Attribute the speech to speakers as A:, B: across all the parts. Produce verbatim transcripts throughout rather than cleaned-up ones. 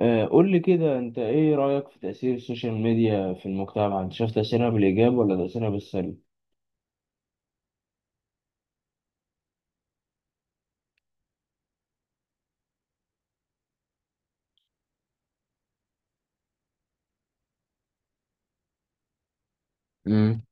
A: آه، قول لي كده انت ايه رأيك في تأثير السوشيال ميديا في المجتمع، انت شايف تأثيرها بالإيجاب ولا تأثيرها بالسلب؟ امم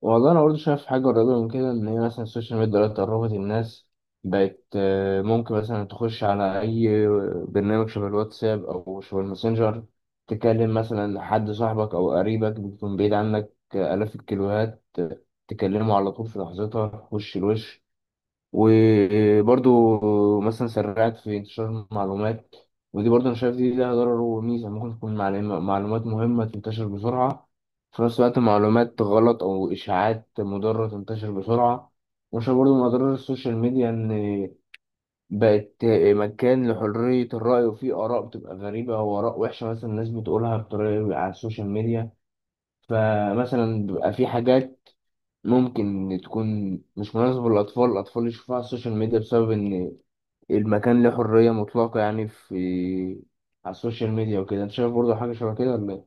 A: والله انا برضه شايف حاجة قريبة من كده، ان هي مثلا السوشيال ميديا دلوقتي قربت الناس. بقت آه، ممكن مثلا تخش على اي برنامج شبه الواتساب او شبه الماسنجر، تكلم مثلا حد صاحبك او قريبك بيكون بعيد عنك آلاف الكيلوهات، تكلمه على طول في لحظتها وش لوش. وبرضو مثلا سرعت في انتشار المعلومات، ودي برضو انا شايف دي لها ضرر وميزة. ممكن تكون معلم- معلومات مهمة تنتشر بسرعة، في نفس الوقت معلومات غلط أو إشاعات مضرة تنتشر بسرعة. وأنا شايف برضو من أضرار السوشيال ميديا إن بقت مكان لحرية الرأي، وفيه آراء بتبقى غريبة وآراء وحشة مثلا الناس بتقولها بطريقة على السوشيال ميديا. فمثلا بيبقى في حاجات ممكن تكون مش مناسبة للأطفال، الأطفال يشوفوها على السوشيال ميديا بسبب إن المكان له حرية مطلقة يعني في على السوشيال ميديا وكده. انت شايف برضو حاجة شبه كده ولا ايه؟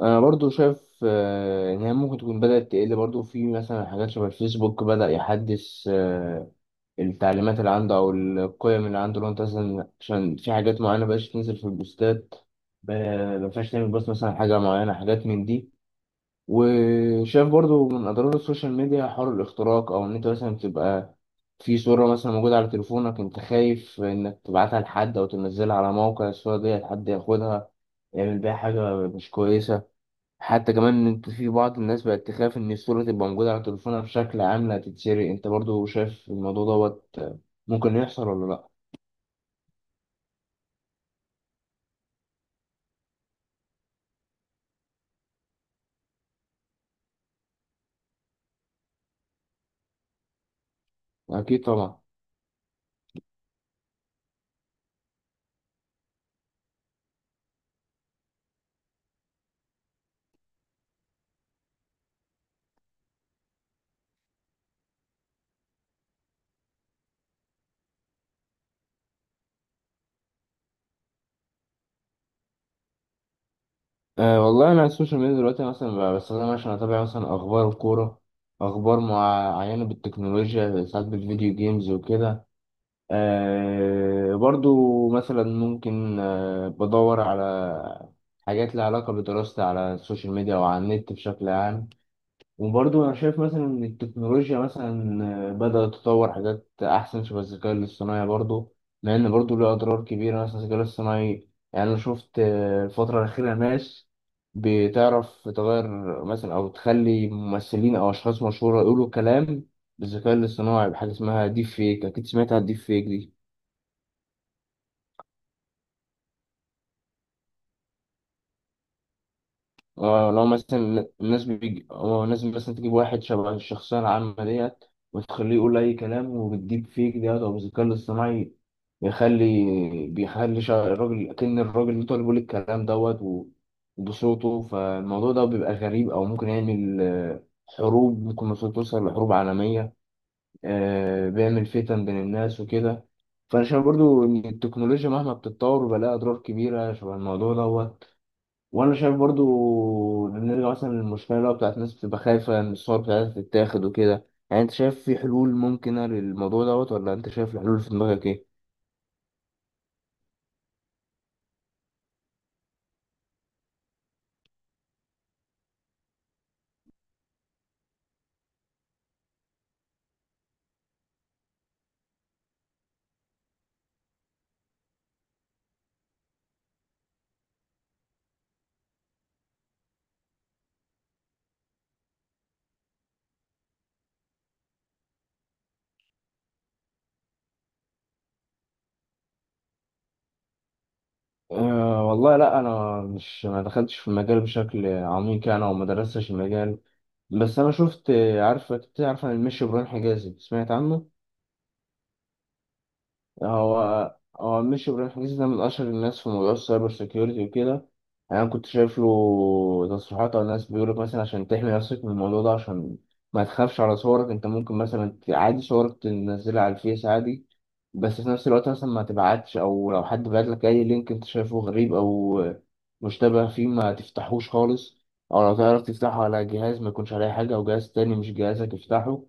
A: انا برضو شايف آه، ان هي ممكن تكون بدأت تقل برضو، في مثلا حاجات شبه الفيسبوك بدأ يحدث آه، التعليمات اللي عنده او القيم اللي عنده. لو انت مثلا عشان في حاجات معينة مبقاش تنزل في البوستات، ب- مبقاش تعمل بوست مثلا عن حاجة معينة، حاجات من دي. وشايف برضو من اضرار السوشيال ميديا حوار الاختراق، او ان انت مثلا تبقى في صورة مثلا موجودة على تليفونك، انت خايف انك تبعتها لحد او تنزلها على موقع، الصورة دي حد ياخدها يعمل بيها حاجة مش كويسة. حتى كمان ان انت في بعض الناس بقت تخاف ان الصورة تبقى موجودة على تليفونها بشكل عام لا تتسرق. انت برضو شايف الموضوع دوت ممكن يحصل ولا لا؟ اكيد طبعا. أه والله انا على السوشيال ميديا دلوقتي مثلا بستخدمها عشان اتابع مثلا اخبار الكوره، اخبار معينه بالتكنولوجيا، ساعات بالفيديو جيمز وكده. أه برضو مثلا ممكن أه بدور على حاجات لها علاقه بدراستي على السوشيال ميديا او على النت بشكل عام. وبرضه أنا شايف مثلا إن التكنولوجيا مثلا آه، بدأت تطور حاجات أحسن شبه الذكاء الاصطناعي برضه، مع إن برضه له أضرار كبيرة. مثلا الذكاء الاصطناعي يعني أنا شفت آه، الفترة الأخيرة ناس بتعرف تغير مثلا أو تخلي ممثلين أو أشخاص مشهورة يقولوا كلام بالذكاء الاصطناعي، بحاجة اسمها ديب فيك. أكيد سمعت عن الديب فيك دي. آه، لو مثلا الناس بيجي أو الناس مثلا تجيب واحد شبه الشخصية العامة ديت وتخليه يقول أي كلام وبالديب فيك ده أو بالذكاء الاصطناعي، بيخلي بيخلي شع- الراجل كأن الراجل اللي طالب بيقول الكلام دوت و- وبصوته. فالموضوع ده بيبقى غريب، أو ممكن يعمل آه، حروب، ممكن مثلا توصل لحروب عالمية، آه، بيعمل فتن بين الناس وكده. فأنا شايف برضو إن التكنولوجيا مهما بتتطور بيبقى لها أضرار كبيرة شبه الموضوع دوت. وأنا شايف برضو نرجع مثلا للمشكلة اللي هو بتاعت الناس بتبقى خايفة إن الصور بتاعتها تتاخد وكده. يعني أنت شايف في حلول ممكنة للموضوع دوت ولا أنت شايف الحلول في دماغك إيه؟ أه والله لا، انا مش ما دخلتش في المجال بشكل عميق يعني، او ما درستش المجال، بس انا شفت آه، عارفه كنت عارفه عن المشي ابراهيم حجازي، سمعت عنه؟ هو هو مش إبراهيم حسين ده من أشهر الناس في موضوع السايبر سيكيورتي وكده. يعني أنا كنت شايف له تصريحات على الناس بيقولك مثلا عشان تحمي نفسك من الموضوع ده، عشان ما تخافش على صورك. أنت ممكن مثلا ت- عادي صورك تنزلها على الفيس عادي، بس في نفس الوقت مثلا ما تبعتش، أو لو حد بعت لك أي لينك أنت شايفه غريب أو مشتبه فيه ما تفتحوش خالص، أو لو تعرف تفتحه على جهاز ما يكونش عليه حاجة أو جهاز تاني مش جهازك افتحه.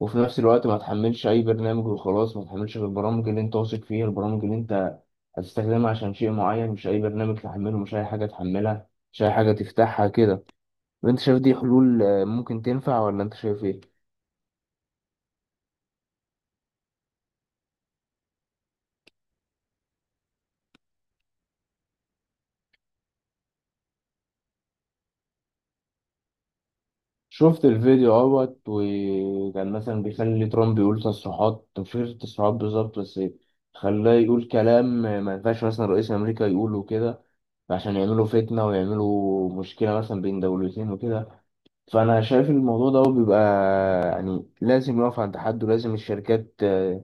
A: وفي نفس الوقت ما تحملش اي برنامج وخلاص، ما تحملش غير البرامج اللي انت واثق فيها، البرامج اللي انت هتستخدمها عشان شيء معين، مش اي برنامج تحمله، مش اي حاجة تحملها، مش اي حاجة تفتحها كده. وانت شايف دي حلول آه، ممكن تنفع ولا انت شايف ايه؟ شفت الفيديو اهوت، وكان مثلا بيخلي ترامب يقول تصريحات مش فاكر التصريحات بالظبط، بس خلاه يقول كلام آه، ما ينفعش مثلا رئيس امريكا يقوله كده، عشان يعملوا فتنة ويعملوا مشكلة مثلا بين دولتين وكده. فأنا شايف إن الموضوع ده بيبقى يعني لازم يقف عند حد، ولازم الشركات آه،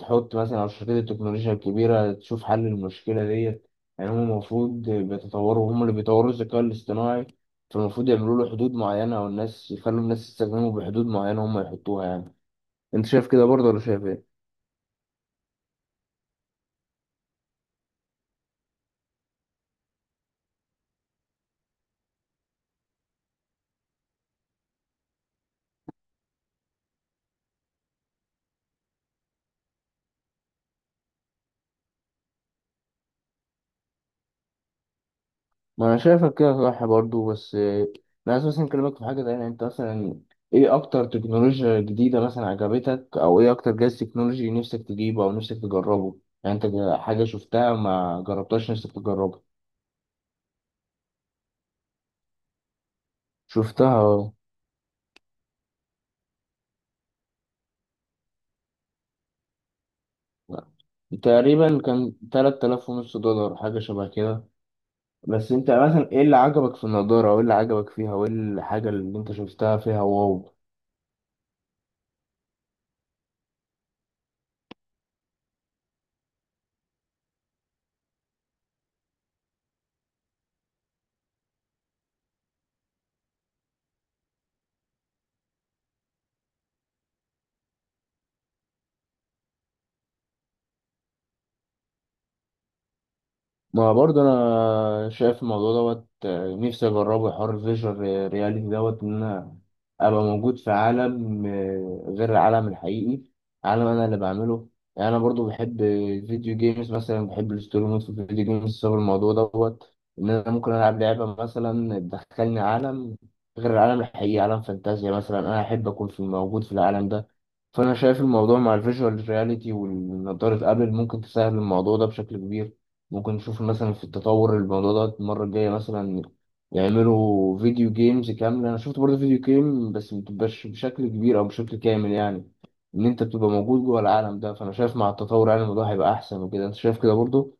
A: تحط مثلا، أو شركات التكنولوجيا الكبيرة تشوف حل المشكلة ديت. يعني هم المفروض بيتطوروا، هم اللي بيطوروا الذكاء الاصطناعي، فالمفروض يعملوا له حدود معينة، والناس يخلوا الناس تستخدمه بحدود معينة هم يحطوها يعني. أنت شايف كده برضه ولا شايف إيه؟ ما انا شايفك كده صح برضو، بس آه، انا اساسا كلمك في حاجه تانية. انت مثلا ايه اكتر تكنولوجيا جديده مثلا عجبتك، او ايه اكتر جهاز تكنولوجي نفسك تجيبه او نفسك تجربه؟ يعني انت جا- حاجه شفتها ما جربتهاش نفسك تجربها. شفتها. تقريبا كان تلت تلاف ونص دولار حاجه شبه كده. بس انت مثلا ايه اللي عجبك في النضاره وايه اللي عجبك فيها وايه الحاجه اللي انت شفتها فيها واو؟ ما برضه انا شايف الموضوع دوت آه، نفسي اجربه حوار الفيجوال رياليتي دوت، ان انا ابقى موجود في عالم آه، غير العالم الحقيقي، عالم انا اللي بعمله. يعني انا برضه بحب الفيديو جيمز، مثلا بحب الستوري مود في الفيديو جيمز بسبب الموضوع دوت، ان انا ممكن العب لعبه مثلا تدخلني عالم غير العالم الحقيقي، عالم فانتازيا مثلا انا احب اكون في موجود في العالم ده. فانا شايف الموضوع مع الفيجوال رياليتي والنضاره ابل ممكن تسهل الموضوع ده بشكل كبير. ممكن نشوف مثلا في التطور الموضوع ده المرة الجاية مثلا يعملوا فيديو جيمز كاملة. أنا شفت برضه فيديو جيم بس متبقاش بشكل كبير أو بشكل كامل، يعني إن أنت بتبقى موجود جوه العالم ده. فأنا شايف مع التطور يعني الموضوع هيبقى أحسن وكده. أنت شايف كده برضه؟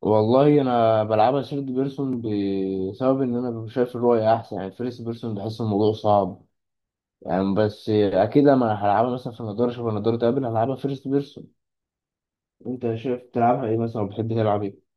A: والله أنا بلعبها سيرد بيرسون، بسبب إن أنا شايف الرؤية أحسن. يعني فيرست بيرسون بحس الموضوع صعب يعني، بس أكيد أنا هلعبها مثلا في النضارة شبه النضارة تقابل هلعبها فيرست بيرسون. أنت شايف تلعبها إيه مثلا وبتحب تلعب إيه؟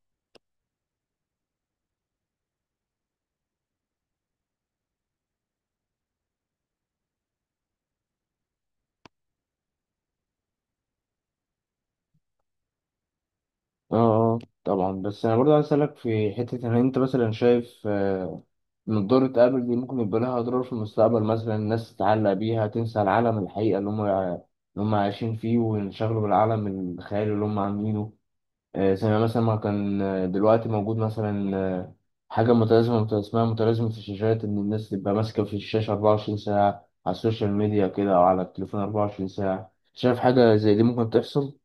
A: اه آه، طبعا. بس انا برضه عايز اسالك في حته ان انت مثلا شايف آه، من ضرة ابل دي ممكن يبقى لها اضرار في المستقبل، مثلا الناس تتعلق بيها تنسى العالم الحقيقه اللي هم اللي هم عايشين فيه وينشغلوا بالعالم الخيالي اللي هم عاملينه. آه، زي ما مثلا ما كان آه، دلوقتي موجود مثلا آه، حاجه متلازمه مت- اسمها متلازمه في الشاشات، ان الناس تبقى ماسكه في الشاشه أربعة وعشرين ساعه على السوشيال ميديا كده او على التليفون أربعة وعشرين ساعه. شايف حاجه زي دي ممكن تحصل؟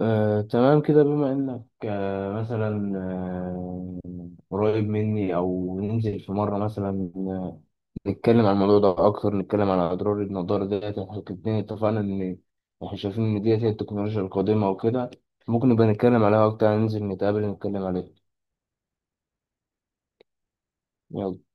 A: آه، تمام كده. بما إنك آه، مثلا آه، قريب مني، أو ننزل في مرة مثلا نتكلم عن الموضوع ده أكتر، نتكلم عن أضرار النضارة ديت. إحنا الاتنين اتفقنا إن إحنا شايفين إن ديت هي التكنولوجيا القادمة وكده. ممكن نبقى نتكلم عليها أكتر، ننزل نتقابل نتكلم عليها. يلا.